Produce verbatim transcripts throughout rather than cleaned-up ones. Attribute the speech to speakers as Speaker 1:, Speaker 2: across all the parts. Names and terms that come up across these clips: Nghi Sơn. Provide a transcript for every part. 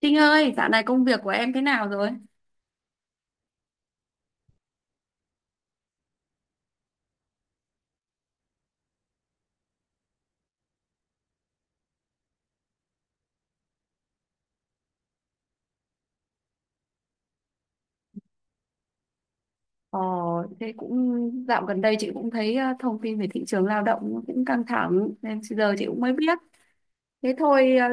Speaker 1: Trinh ơi, dạo này công việc của em thế nào rồi? Ờ, thế cũng dạo gần đây chị cũng thấy ờ, thông tin về thị trường lao động nó cũng căng thẳng nên giờ chị cũng mới biết. Thế thôi, ờ,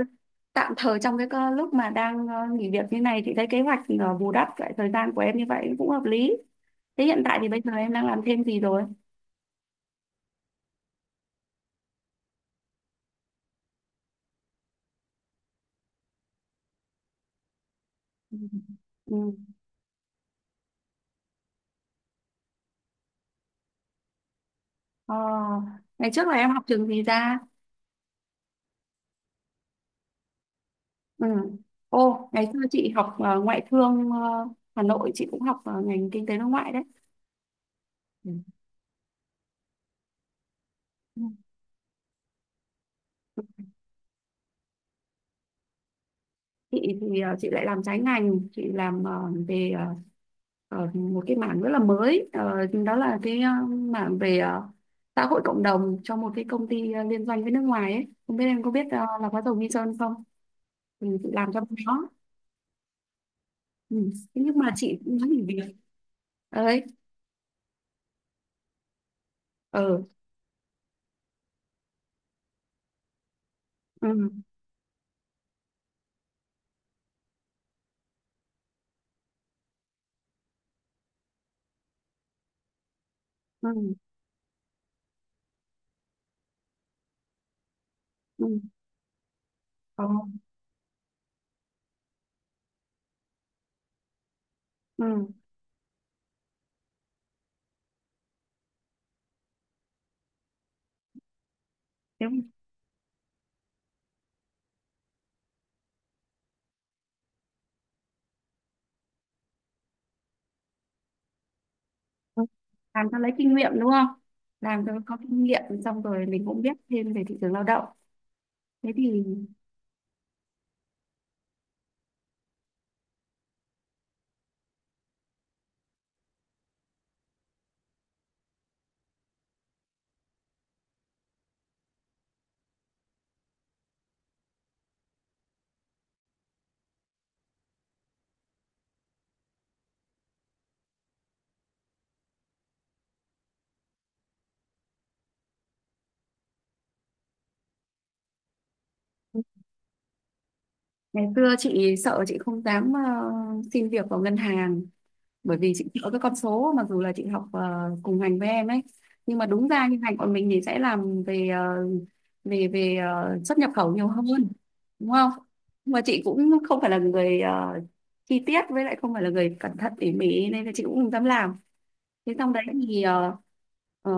Speaker 1: tạm thời trong cái ờ, lúc mà đang ờ, nghỉ việc như này, chị thấy kế hoạch ờ, bù đắp lại thời gian của em như vậy cũng hợp lý. Thế hiện tại thì bây giờ em đang làm thêm gì rồi? Ừ. Ừ. Ờ, Ngày trước là em học trường gì ra? Ừ. Ô, ngày xưa chị học ờ, ngoại thương, ờ, Hà Nội, chị cũng học ờ, ngành kinh tế đối ngoại đấy. Ừ. Chị thì ờ, chị lại làm trái ngành, chị làm ờ, về ờ, ờ, một cái mảng rất là mới. Ờ, Đó là cái ờ, mảng về ờ, xã hội cộng đồng cho một cái công ty ờ, liên doanh với nước ngoài ấy. Không biết em có biết ờ, là có dầu Nghi Sơn không, thì chị làm cho bên đó. Ừ. Thế nhưng mà chị cũng nói nghỉ việc ấy. Ừ. Ừ. Ừ. Ừ. ờ, ừ. Ừ. Nếu mà làm cho lấy kinh nghiệm đúng không, làm cho có kinh nghiệm xong rồi mình cũng biết thêm về thị trường lao động. Thế thì ừ, ngày xưa chị sợ chị không dám ờ, xin việc vào ngân hàng, bởi vì chị có cái con số mặc dù là chị học ờ, cùng ngành với em ấy, nhưng mà đúng ra như ngành của mình thì sẽ làm về ờ, về về ờ, xuất nhập khẩu nhiều hơn, đúng không? Nhưng mà chị cũng không phải là người ờ, chi tiết, với lại không phải là người cẩn thận tỉ mỉ, nên là chị cũng không dám làm. Thế xong đấy thì ờ, ờ,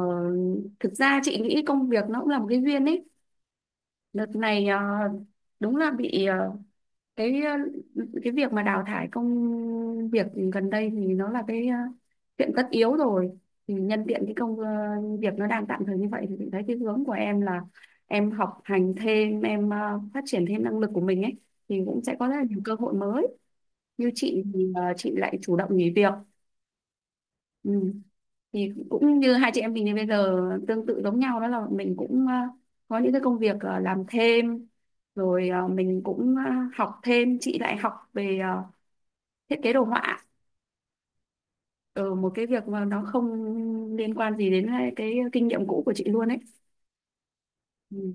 Speaker 1: thực ra chị nghĩ công việc nó cũng là một cái duyên ấy. Đợt này ờ, đúng là bị ờ, cái, ờ, cái việc mà đào thải công việc gần đây thì nó là cái ờ, chuyện tất yếu rồi, thì nhân tiện cái công ờ, việc nó đang tạm thời như vậy thì chị thấy cái hướng của em là em học hành thêm, em ờ, phát triển thêm năng lực của mình ấy, thì cũng sẽ có rất là nhiều cơ hội mới. Như chị thì ờ, chị lại chủ động nghỉ việc. Ừ. Thì cũng như hai chị em mình thì bây giờ tương tự giống nhau, đó là mình cũng ờ, có những cái công việc ờ, làm thêm, rồi ờ, mình cũng ờ, học thêm, chị lại học về ờ, thiết kế đồ họa ở một cái việc mà nó không liên quan gì đến cái cái kinh nghiệm cũ của chị luôn ấy. Ừ.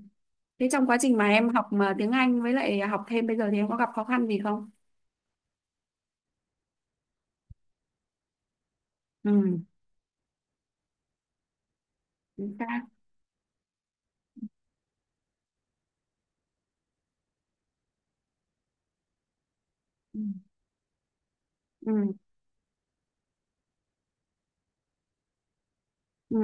Speaker 1: Thế trong quá trình mà em học mà tiếng Anh với lại học thêm bây giờ thì em có gặp khó khăn gì không? Ừ. Chính xác. Ừ. Ừ. Ừ.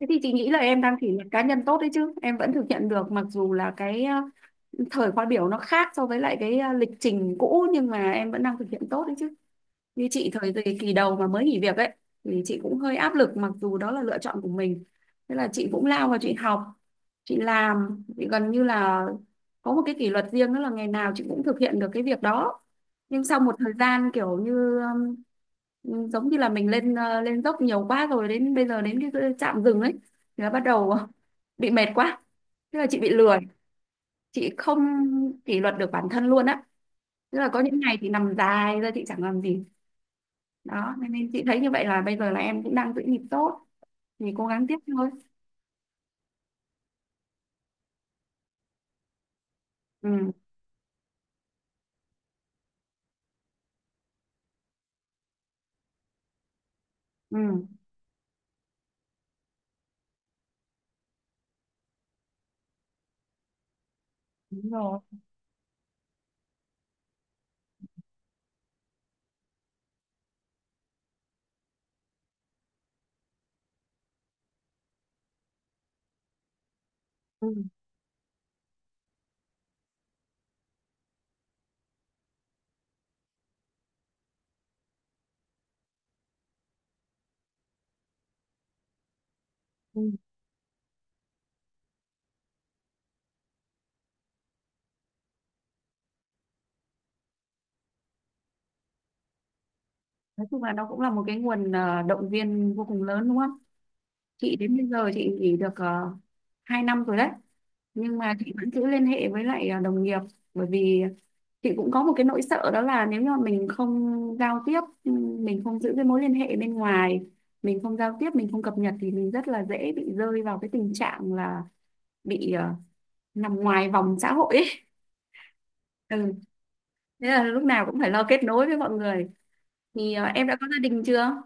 Speaker 1: Thế thì chị nghĩ là em đang kỷ luật cá nhân tốt đấy chứ, em vẫn thực hiện được mặc dù là cái ờ, thời khóa biểu nó khác so với lại cái ờ, lịch trình cũ, nhưng mà em vẫn đang thực hiện tốt đấy chứ. Như chị thời kỳ kỳ đầu mà mới nghỉ việc ấy thì chị cũng hơi áp lực mặc dù đó là lựa chọn của mình, thế là chị cũng lao vào chị học, chị làm, chị gần như là có một cái kỷ luật riêng, đó là ngày nào chị cũng thực hiện được cái việc đó. Nhưng sau một thời gian kiểu như um, giống như là mình lên ờ, lên dốc nhiều quá rồi, đến bây giờ đến cái cái trạm dừng ấy thì nó bắt đầu bị mệt quá. Thế là chị bị lười, chị không kỷ luật được bản thân luôn á, tức là có những ngày thì nằm dài ra chị chẳng làm gì. Đó nên, nên chị thấy như vậy là bây giờ là em cũng đang giữ nhịp tốt, thì cố gắng tiếp thôi. Ừ. Ừ. Đúng rồi. Ừ, ừ. Nói chung là nó cũng là một cái nguồn ờ, động viên vô cùng lớn, đúng không? Chị đến bây giờ chị nghỉ được uh, hai năm rồi đấy, nhưng mà chị vẫn giữ liên hệ với lại ờ, đồng nghiệp, bởi vì chị cũng có một cái nỗi sợ, đó là nếu như mà mình không giao tiếp, ừ, mình không giữ cái mối liên hệ bên ngoài, mình không giao tiếp, mình không cập nhật, thì mình rất là dễ bị rơi vào cái tình trạng là bị ờ, nằm ngoài vòng xã hội ấy. Ừ, thế là lúc nào cũng phải lo kết nối với mọi người. Thì ờ, em đã có gia đình chưa?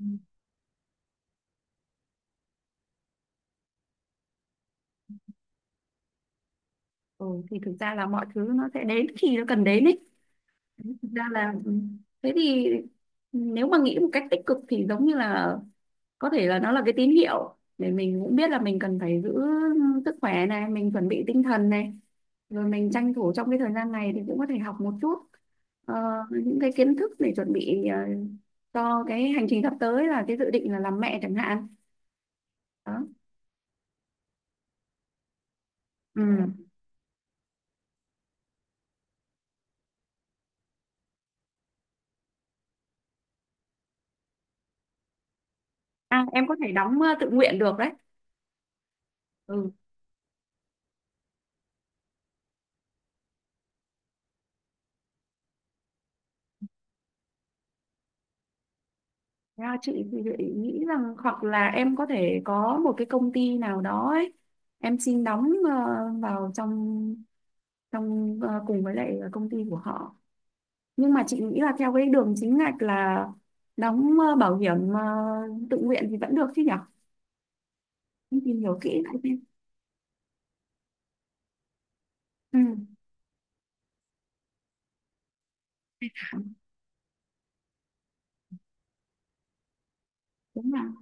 Speaker 1: Ừ. Ừ, thì thực ra là mọi thứ nó sẽ đến khi nó cần đến ấy. Thực ra là ừ, thế thì nếu mà nghĩ một cách tích cực thì giống như là có thể là nó là cái tín hiệu để mình cũng biết là mình cần phải giữ sức khỏe này, mình chuẩn bị tinh thần này, rồi mình tranh thủ trong cái thời gian này thì cũng có thể học một chút ờ, những cái kiến thức để chuẩn bị ờ, cho cái hành trình sắp tới là cái dự định là làm mẹ chẳng hạn. Đó. Ừ. À. À, em có thể đóng ờ, tự nguyện được đấy. Ừ. Ra chị thì chị nghĩ rằng hoặc là em có thể có một cái công ty nào đó ấy, em xin đóng ờ, vào trong, trong ờ, cùng với lại công ty của họ. Nhưng mà chị nghĩ là theo cái đường chính ngạch là đóng ờ, bảo hiểm ờ, tự nguyện thì vẫn được chứ nhỉ? Em tìm hiểu kỹ lại xem. Ừ. Đúng là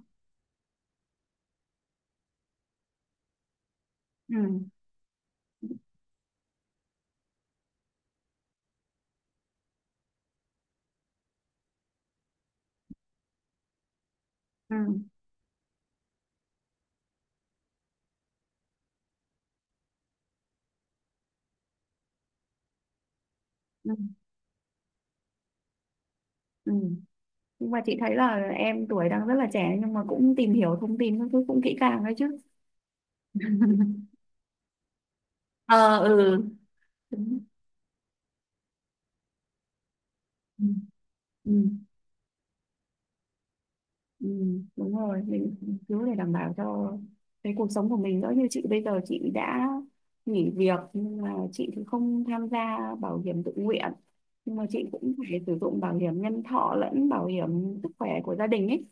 Speaker 1: ừ. Ừ. Ừ. Ừ. Nhưng mà chị thấy là em tuổi đang rất là trẻ, nhưng mà cũng tìm hiểu thông tin các thứ cũng kỹ càng đấy chứ. Ờ, ừ, đúng, ừ, ừ, ừ, đúng rồi, mình mình cứ để đảm bảo cho cái cuộc sống của mình đỡ, như chị bây giờ chị đã nghỉ việc nhưng mà chị thì không tham gia bảo hiểm tự nguyện, nhưng mà chị cũng phải sử dụng bảo hiểm nhân thọ lẫn bảo hiểm sức khỏe của gia đình ấy.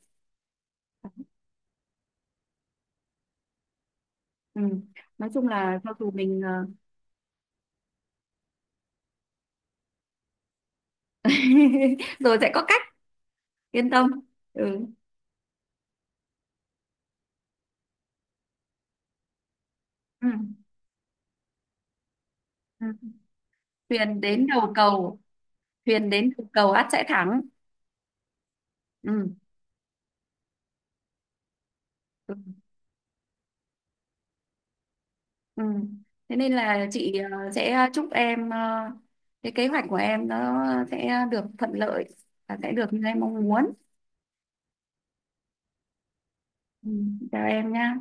Speaker 1: Ừ. Nói chung là cho dù mình ờ, rồi sẽ có cách, yên tâm. Ừ. Ừ. Ừ. Thuyền đến đầu cầu, thuyền đến đầu cầu ắt sẽ thắng. Ừ. Ừ. Thế nên là chị ờ, sẽ chúc em ờ, cái kế hoạch của em nó sẽ được thuận lợi và sẽ được như em mong muốn. Ừ. Chào em nha.